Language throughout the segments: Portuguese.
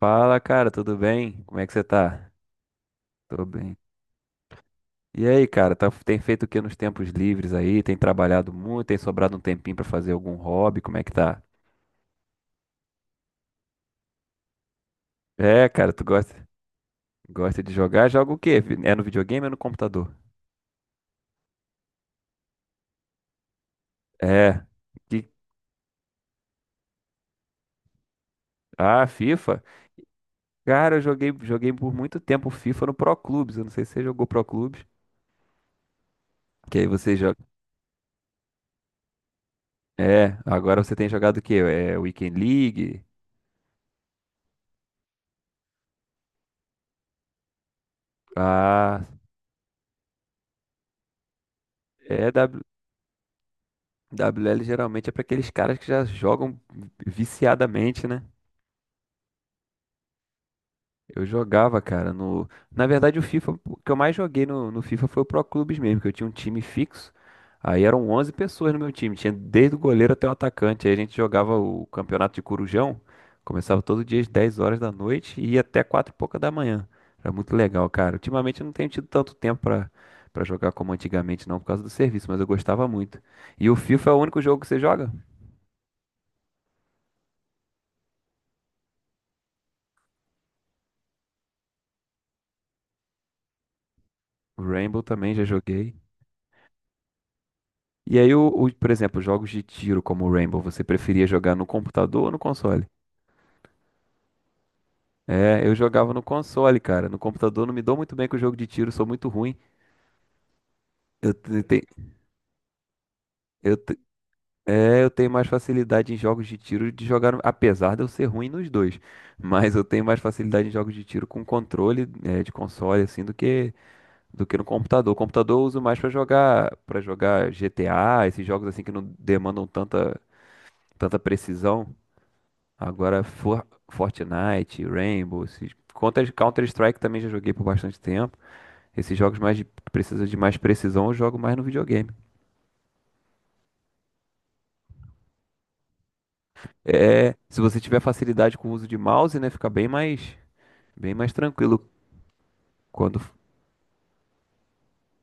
Fala, cara, tudo bem? Como é que você tá? Tô bem. E aí, cara, tem feito o que nos tempos livres aí? Tem trabalhado muito? Tem sobrado um tempinho pra fazer algum hobby? Como é que tá? É, cara, tu gosta de jogar? Joga o quê? É no videogame ou no computador? É. Que... Ah, FIFA? Cara, eu joguei por muito tempo FIFA no Pro Clubes. Eu não sei se você jogou Pro Clubes. Que aí você joga. É, agora você tem jogado o quê? É Weekend League? Ah, é WL geralmente é para aqueles caras que já jogam viciadamente, né? Eu jogava, cara, no... Na verdade, o FIFA, o que eu mais joguei no FIFA foi o Pro Clubes mesmo, que eu tinha um time fixo. Aí eram 11 pessoas no meu time, tinha desde o goleiro até o atacante. Aí a gente jogava o campeonato de Corujão, começava todo dia às 10 horas da noite e ia até 4 e pouca da manhã. Era muito legal, cara. Ultimamente eu não tenho tido tanto tempo pra jogar como antigamente, não, por causa do serviço, mas eu gostava muito. E o FIFA é o único jogo que você joga? Rainbow também já joguei. E aí, por exemplo, jogos de tiro como o Rainbow, você preferia jogar no computador ou no console? É, eu jogava no console, cara. No computador não me dou muito bem com o jogo de tiro, sou muito ruim. Eu, te- te- eu, te- é, eu tenho mais facilidade em jogos de tiro de jogar, apesar de eu ser ruim nos dois. Mas eu tenho mais facilidade em jogos de tiro com controle, é, de console, assim, do que no computador. O computador eu uso mais pra jogar, para jogar GTA, esses jogos assim que não demandam tanta precisão. Agora, Fortnite, Rainbow, esses... Counter-Strike também já joguei por bastante tempo. Esses jogos mais de, que precisam de mais precisão, eu jogo mais no videogame. É, se você tiver facilidade com o uso de mouse, né, fica bem mais tranquilo quando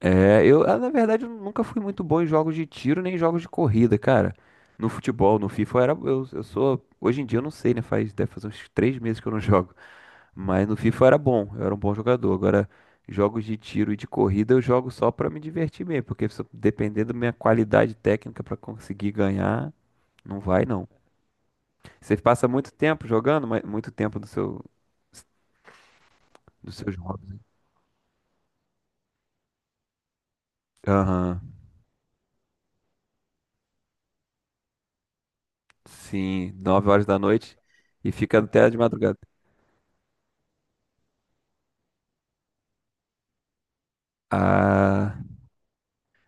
é, eu, ah, na verdade, eu nunca fui muito bom em jogos de tiro nem em jogos de corrida, cara. No futebol, no FIFA, eu era, eu sou, hoje em dia eu não sei, né, faz, deve fazer uns 3 meses que eu não jogo. Mas no FIFA eu era bom, eu era um bom jogador. Agora, jogos de tiro e de corrida eu jogo só pra me divertir mesmo, porque se dependendo da minha qualidade técnica pra conseguir ganhar, não vai não. Você passa muito tempo jogando, mas muito tempo do seu dos seus hobbies, né? Aham. Sim, 9 horas da noite e fica até de madrugada. Ah,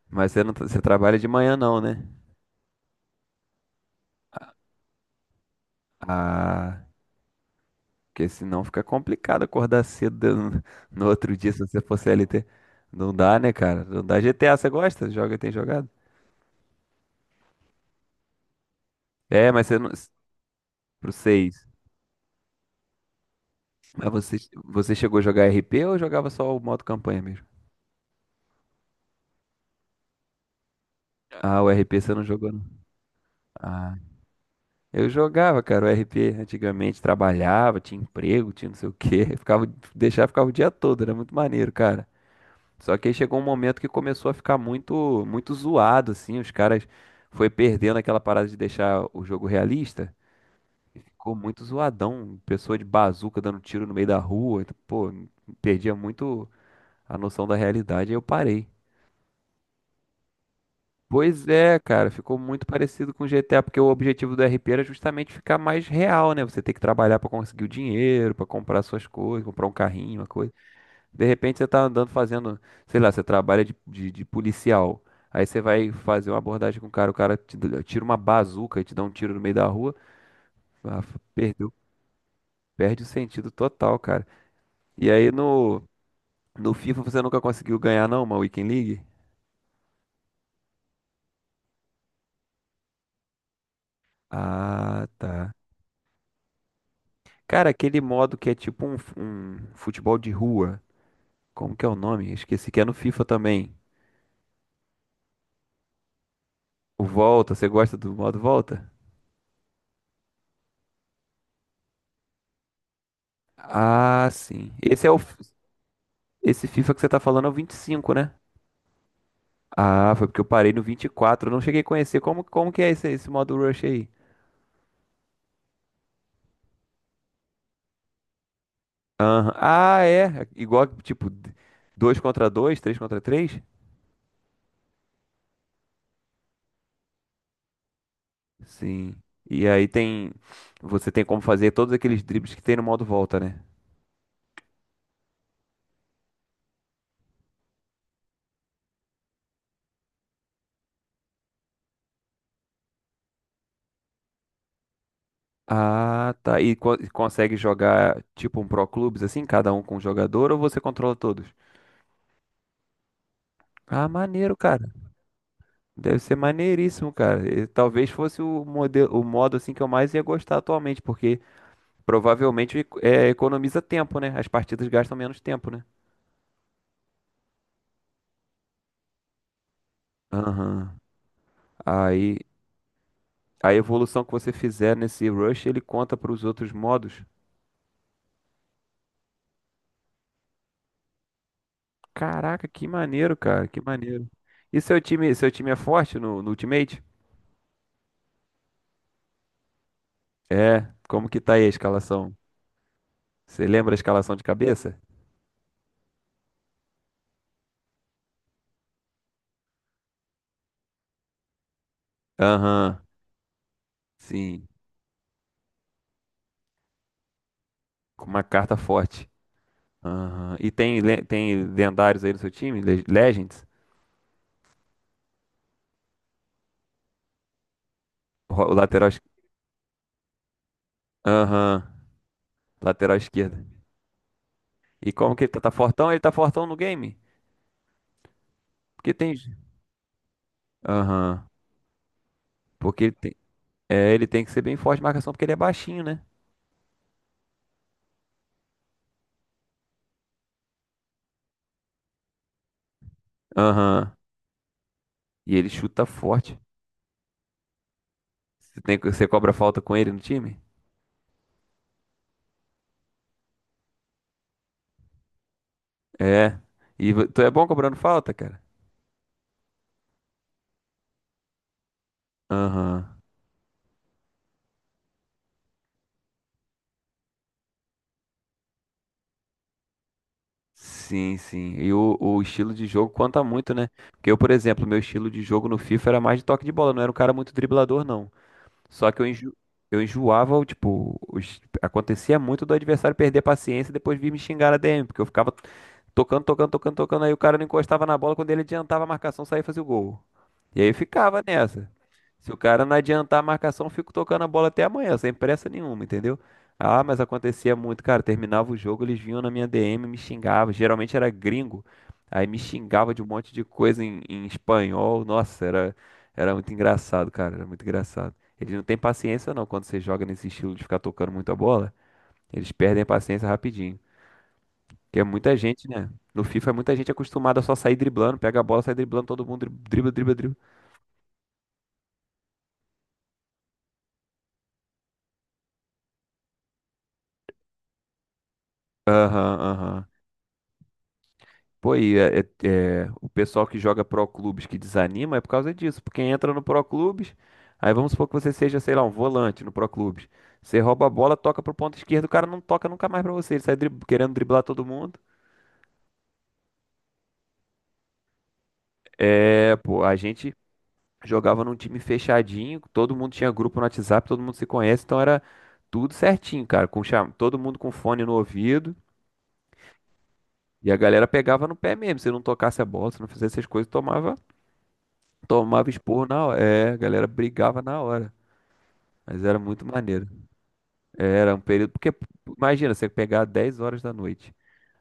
mas você não, você trabalha de manhã não, né? Ah, porque senão fica complicado acordar cedo um, no outro dia se você for CLT. Não dá, né, cara? Não dá. GTA, você gosta? Joga, tem jogado? É, mas você não. Pro 6. Mas você, você chegou a jogar RP ou jogava só o modo campanha mesmo? Ah, o RP você não jogou, não. Ah, eu jogava, cara, o RP antigamente, trabalhava, tinha emprego, tinha não sei o quê. Ficava, deixava, ficava o dia todo, era muito maneiro, cara. Só que aí chegou um momento que começou a ficar muito, muito zoado, assim. Os caras foi perdendo aquela parada de deixar o jogo realista e ficou muito zoadão. Pessoa de bazuca dando tiro no meio da rua. Então, pô, perdia muito a noção da realidade. Aí eu parei. Pois é, cara, ficou muito parecido com o GTA, porque o objetivo do RP era justamente ficar mais real, né? Você tem que trabalhar pra conseguir o dinheiro, pra comprar suas coisas, comprar um carrinho, uma coisa. De repente você tá andando fazendo, sei lá, você trabalha de policial. Aí você vai fazer uma abordagem com o cara tira uma bazuca e te dá um tiro no meio da rua. Ah, perdeu, perde o sentido total, cara. E aí no FIFA você nunca conseguiu ganhar, não, uma Weekend League? Ah, tá. Cara, aquele modo que é tipo um, um futebol de rua. Como que é o nome? Esqueci que é no FIFA também. O Volta, você gosta do modo Volta? Ah, sim. Esse é o. f- Esse FIFA que você tá falando é o 25, né? Ah, foi porque eu parei no 24. Eu não cheguei a conhecer como que é esse modo rush aí. Aham. Ah, é. Igual, tipo, 2 contra dois, três contra 3? Sim. E aí tem. Você tem como fazer todos aqueles dribles que tem no modo volta, né? Ah, tá. E e consegue jogar, tipo, um Pro Clubes assim, cada um com um jogador, ou você controla todos? Ah, maneiro, cara. Deve ser maneiríssimo, cara. E talvez fosse o modelo, o modo assim que eu mais ia gostar atualmente, porque. Provavelmente é, economiza tempo, né? As partidas gastam menos tempo, né? Aham. Aí a evolução que você fizer nesse rush, ele conta para os outros modos. Caraca, que maneiro, cara, que maneiro. E seu time é forte no Ultimate? É, como que tá aí a escalação? Você lembra a escalação de cabeça? Aham, sim, com uma carta forte. Aham. E tem, tem lendários aí no seu time? Legends? O lateral, Aham, lateral esquerda. E como que ele tá fortão? Ele tá fortão no game? Porque tem. Aham. Porque ele tem. É, ele tem que ser bem forte de marcação, porque ele é baixinho, né? Aham. E ele chuta forte. Você tem, que você cobra falta com ele no time? É. E tu é bom cobrando falta, cara? Aham. Sim, sim. E o estilo de jogo conta muito, né? Porque eu, por exemplo, meu estilo de jogo no FIFA era mais de toque de bola, não era um cara muito driblador, não. Só que eu, enjoava, o, tipo, acontecia muito do adversário perder a paciência e depois vir me xingar na DM, porque eu ficava tocando, tocando, tocando, tocando. Aí o cara não encostava na bola. Quando ele adiantava a marcação, saía e fazia o gol. E aí ficava nessa. Se o cara não adiantar a marcação, eu fico tocando a bola até amanhã, sem pressa nenhuma, entendeu? Ah, mas acontecia muito, cara. Terminava o jogo, eles vinham na minha DM, me xingavam. Geralmente era gringo. Aí me xingava de um monte de coisa em espanhol. Nossa, era, era muito engraçado, cara. Era muito engraçado. Eles não têm paciência, não, quando você joga nesse estilo de ficar tocando muito a bola. Eles perdem a paciência rapidinho. Porque é muita gente, né? No FIFA é muita gente é acostumada a só sair driblando, pega a bola, sai driblando, todo mundo dribla, dribla, dribla. Aham, aham. Pô, e o pessoal que joga pro clubes que desanima é por causa disso. Porque entra no pro clubes, aí vamos supor que você seja, sei lá, um volante no pro clubes. Você rouba a bola, toca pro ponto esquerdo, o cara não toca nunca mais pra você. Ele sai querendo driblar todo mundo. É, pô, a gente jogava num time fechadinho, todo mundo tinha grupo no WhatsApp, todo mundo se conhece, então era tudo certinho, cara. Com cham... Todo mundo com fone no ouvido. E a galera pegava no pé mesmo. Se não tocasse a bola, se não fizesse essas coisas, tomava esporro na hora. É, a galera brigava na hora. Mas era muito maneiro. Era um período. Porque, imagina, você pegar 10 horas da noite.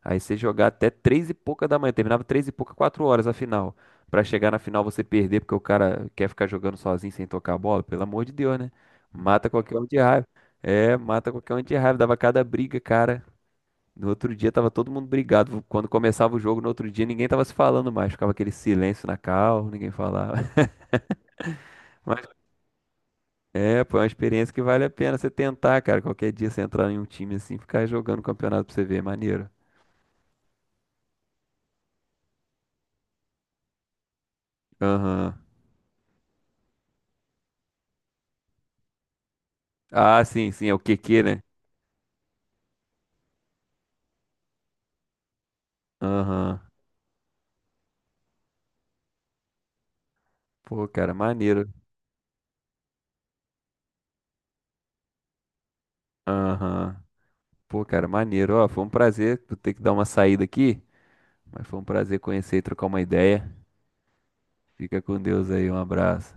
Aí você jogar até 3 e pouca da manhã. Terminava 3 e pouca, 4 horas a final. Pra chegar na final você perder, porque o cara quer ficar jogando sozinho sem tocar a bola. Pelo amor de Deus, né? Mata qualquer um de raiva. É, mata qualquer um de raiva. Dava cada briga, cara. No outro dia tava todo mundo brigado. Quando começava o jogo, no outro dia ninguém tava se falando mais. Ficava aquele silêncio na cal, ninguém falava. Mas é, pô, é uma experiência que vale a pena você tentar, cara. Qualquer dia você entrar em um time assim, ficar jogando campeonato pra você ver, é maneiro. Aham. Ah, sim, sim, é o QQ, né? Aham. Pô, cara, maneiro. Aham. Pô, cara, maneiro. Ó, foi um prazer. Vou ter que dar uma saída aqui, mas foi um prazer conhecer e trocar uma ideia. Fica com Deus aí, um abraço.